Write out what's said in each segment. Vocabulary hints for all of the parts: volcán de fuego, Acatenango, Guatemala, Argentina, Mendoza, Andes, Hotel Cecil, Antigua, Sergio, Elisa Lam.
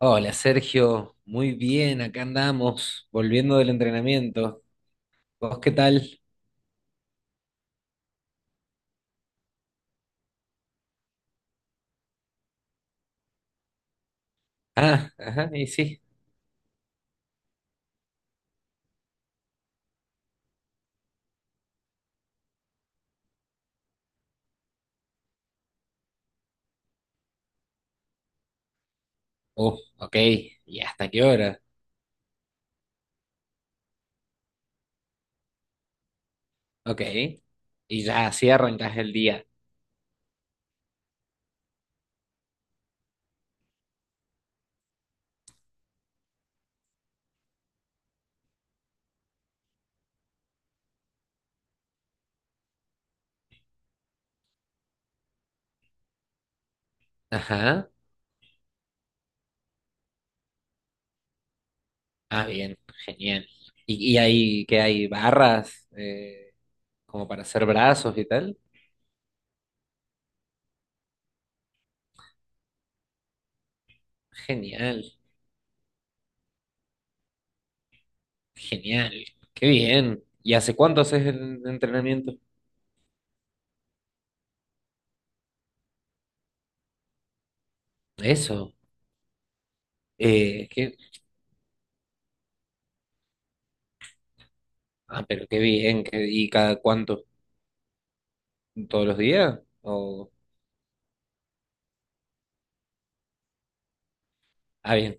Hola Sergio, muy bien, acá andamos, volviendo del entrenamiento. ¿Vos qué tal? Ah, ajá, y sí. Ok, ¿y hasta qué hora? Ok, y ya así arrancás el día. Ajá, ah, bien, genial. ¿Y ahí qué hay? ¿Barras? Como para hacer brazos y tal. Genial, genial, qué bien. ¿Y hace cuánto haces el entrenamiento? Eso, eh, qué- ah, pero qué bien, ¿y cada cuánto? Todos los días? ¿O... Ah, bien,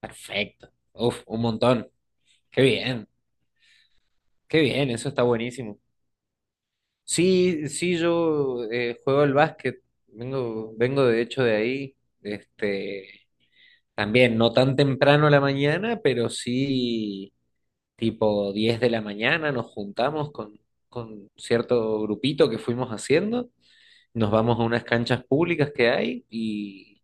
perfecto. Uf, un montón. Qué bien, qué bien, eso está buenísimo. Sí, sí, yo juego al básquet, vengo de hecho de ahí, este, también no tan temprano a la mañana, pero sí tipo 10 de la mañana nos juntamos con cierto grupito que fuimos haciendo, nos vamos a unas canchas públicas que hay y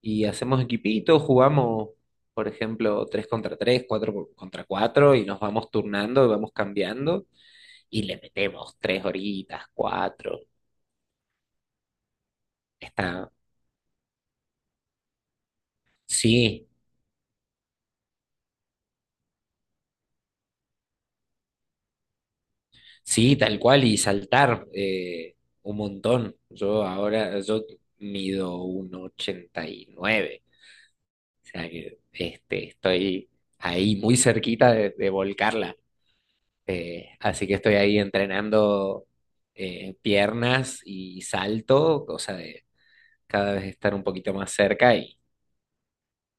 y hacemos equipitos, jugamos, por ejemplo, 3 contra tres, 4 contra cuatro, y nos vamos turnando y vamos cambiando y le metemos 3 horitas, cuatro. Está, sí, sí, tal cual, y saltar un montón. Yo ahora, yo mido un ochenta y nueve, o sea que este, estoy ahí muy cerquita de volcarla. Así que estoy ahí entrenando piernas y salto, cosa de cada vez estar un poquito más cerca y,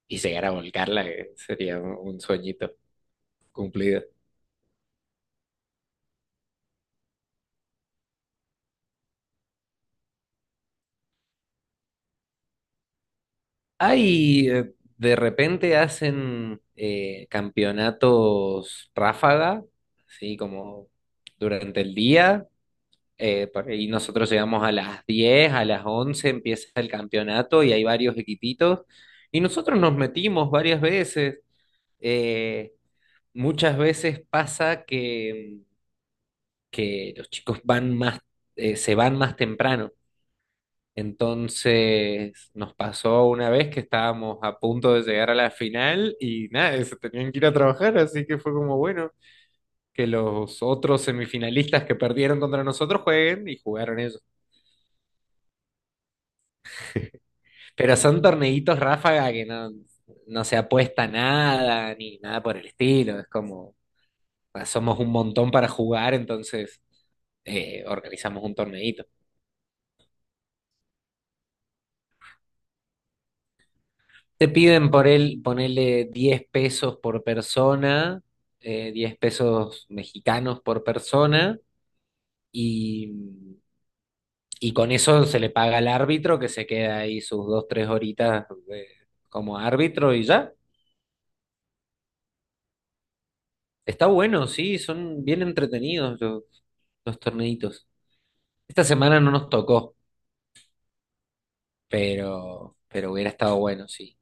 y llegar a volcarla, que sería un sueñito cumplido. Hay, de repente hacen campeonatos ráfaga, así como durante el día. Por ahí nosotros llegamos a las 10, a las 11 empieza el campeonato y hay varios equipitos. Y nosotros nos metimos varias veces. eh, muchas veces pasa que los chicos van más, se van más temprano. Entonces nos pasó una vez que estábamos a punto de llegar a la final y nada, se tenían que ir a trabajar, así que fue como bueno, que los otros semifinalistas que perdieron contra nosotros jueguen, y jugaron ellos. Pero son torneitos ráfaga que no se apuesta nada ni nada por el estilo, es como, pues, somos un montón para jugar, entonces organizamos un torneito. Te piden por él, ponerle 10 pesos por persona, 10 pesos mexicanos por persona, y, y con eso se le paga al árbitro, que se queda ahí sus dos, tres horitas como árbitro y ya. Está bueno, sí, son bien entretenidos los torneitos. Esta semana no nos tocó, pero hubiera estado bueno, sí.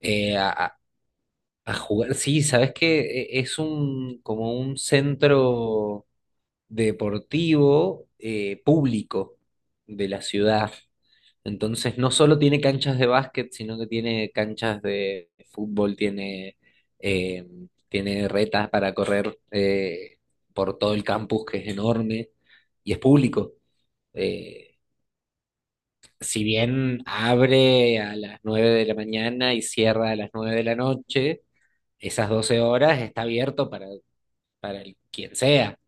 Eh, a- A jugar, sí, sabes que es un como un centro deportivo público de la ciudad. Entonces no solo tiene canchas de básquet, sino que tiene canchas de fútbol, eh, tiene retas para correr por todo el campus, que es enorme, y es público. Eh, si bien abre a las 9 de la mañana y cierra a las 9 de la noche, esas 12 horas está abierto para quien sea.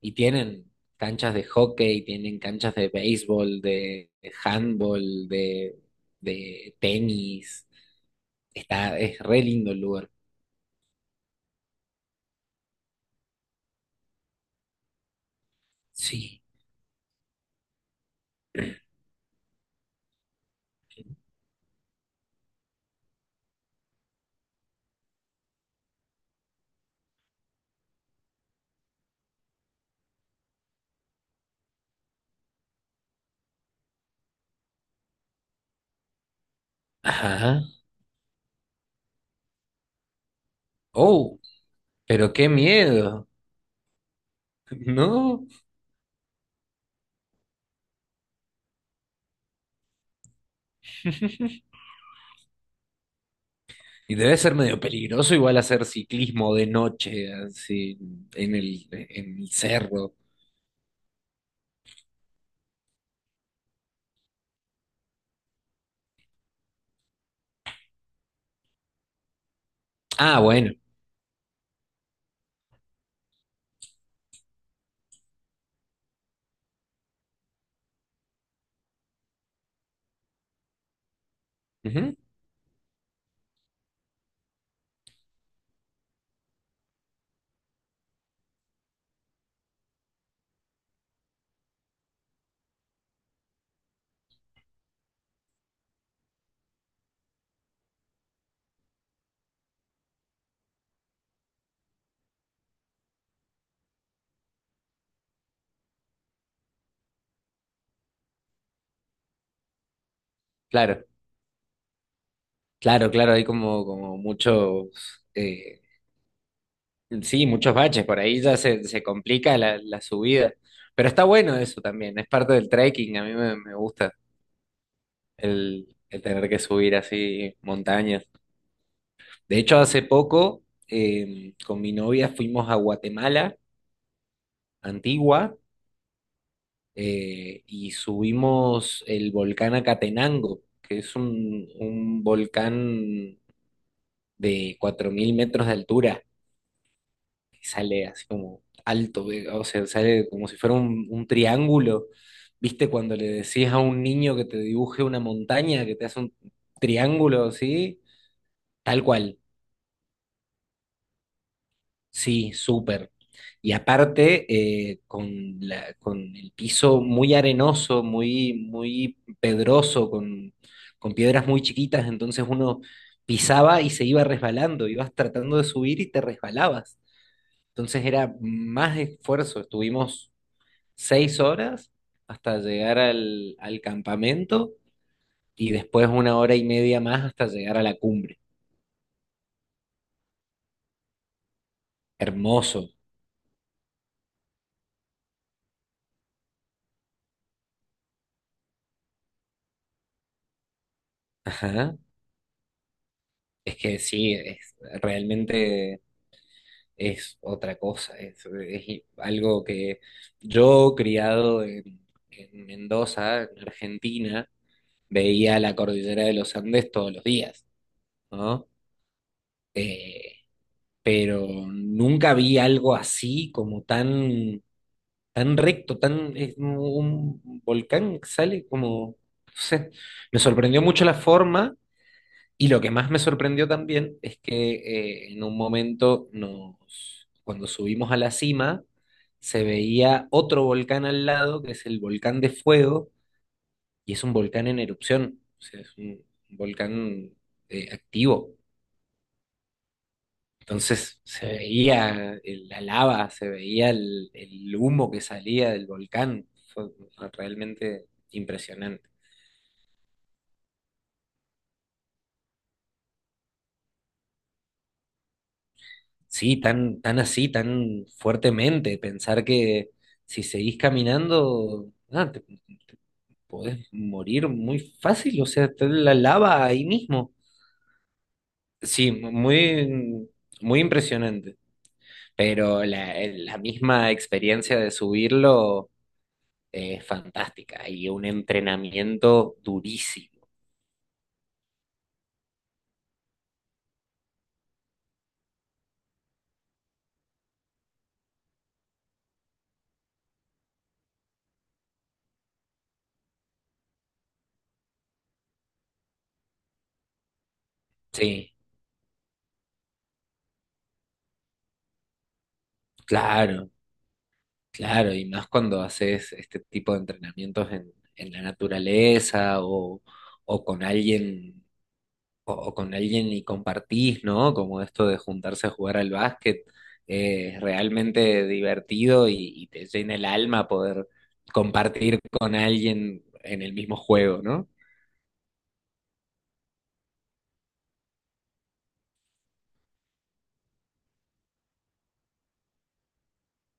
Y tienen canchas de hockey, tienen canchas de béisbol, de handball, de tenis. Está, es re lindo el lugar. Sí. Ajá. Oh, pero qué miedo. No. Y debe ser medio peligroso igual hacer ciclismo de noche, así, en el cerro. Ah, bueno. Ujú, claro. Claro, claro, hay como muchos, eh, sí, muchos baches, por ahí ya se complica la subida, pero está bueno eso también, es parte del trekking, a mí me gusta el tener que subir así montañas. De hecho, hace poco con mi novia fuimos a Guatemala, Antigua, y subimos el volcán Acatenango, que es un volcán de 4000 metros de altura. Sale así como alto, o sea, sale como si fuera un triángulo. ¿Viste cuando le decís a un niño que te dibuje una montaña, que te hace un triángulo así? Tal cual, sí, súper. Y aparte, con la, con el piso muy arenoso, muy, muy pedroso, con piedras muy chiquitas, entonces uno pisaba y se iba resbalando, ibas tratando de subir y te resbalabas. Entonces era más esfuerzo, estuvimos 6 horas hasta llegar al campamento y después una hora y media más hasta llegar a la cumbre. Hermoso. Ajá. Es que sí, es, realmente es otra cosa. Es algo que yo, criado en Mendoza, en Argentina, veía la cordillera de los Andes todos los días, ¿no? Eh, pero nunca vi algo así como tan tan recto, tan, es como un volcán que sale como, no sé. Me sorprendió mucho la forma, y lo que más me sorprendió también es que en un momento cuando subimos a la cima, se veía otro volcán al lado, que es el volcán de fuego, y es un volcán en erupción, o sea, es un volcán activo. Entonces se veía la lava, se veía el humo que salía del volcán. Fue realmente impresionante. Sí, tan, tan así, tan fuertemente, pensar que si seguís caminando, ah, te podés morir muy fácil, o sea, está la lava ahí mismo. Sí, muy, muy impresionante. Pero la misma experiencia de subirlo es fantástica y un entrenamiento durísimo. Sí, claro, claro. Y más cuando haces este tipo de entrenamientos en la naturaleza, o con alguien, o con alguien, y compartís, ¿no? Como esto de juntarse a jugar al básquet. Es realmente divertido, y te llena el alma poder compartir con alguien en el mismo juego, ¿no?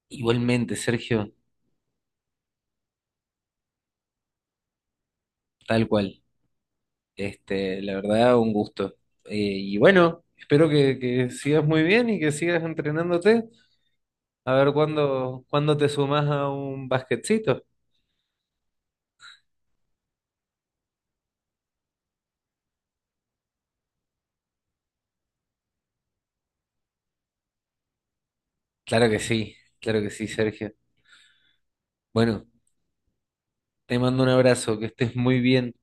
Igualmente, Sergio, tal cual. Este, la verdad, un gusto. Y bueno, espero que sigas muy bien y que sigas entrenándote. A ver cuándo te sumas a un basquetcito. Claro que sí, Sergio. Bueno, te mando un abrazo, que estés muy bien.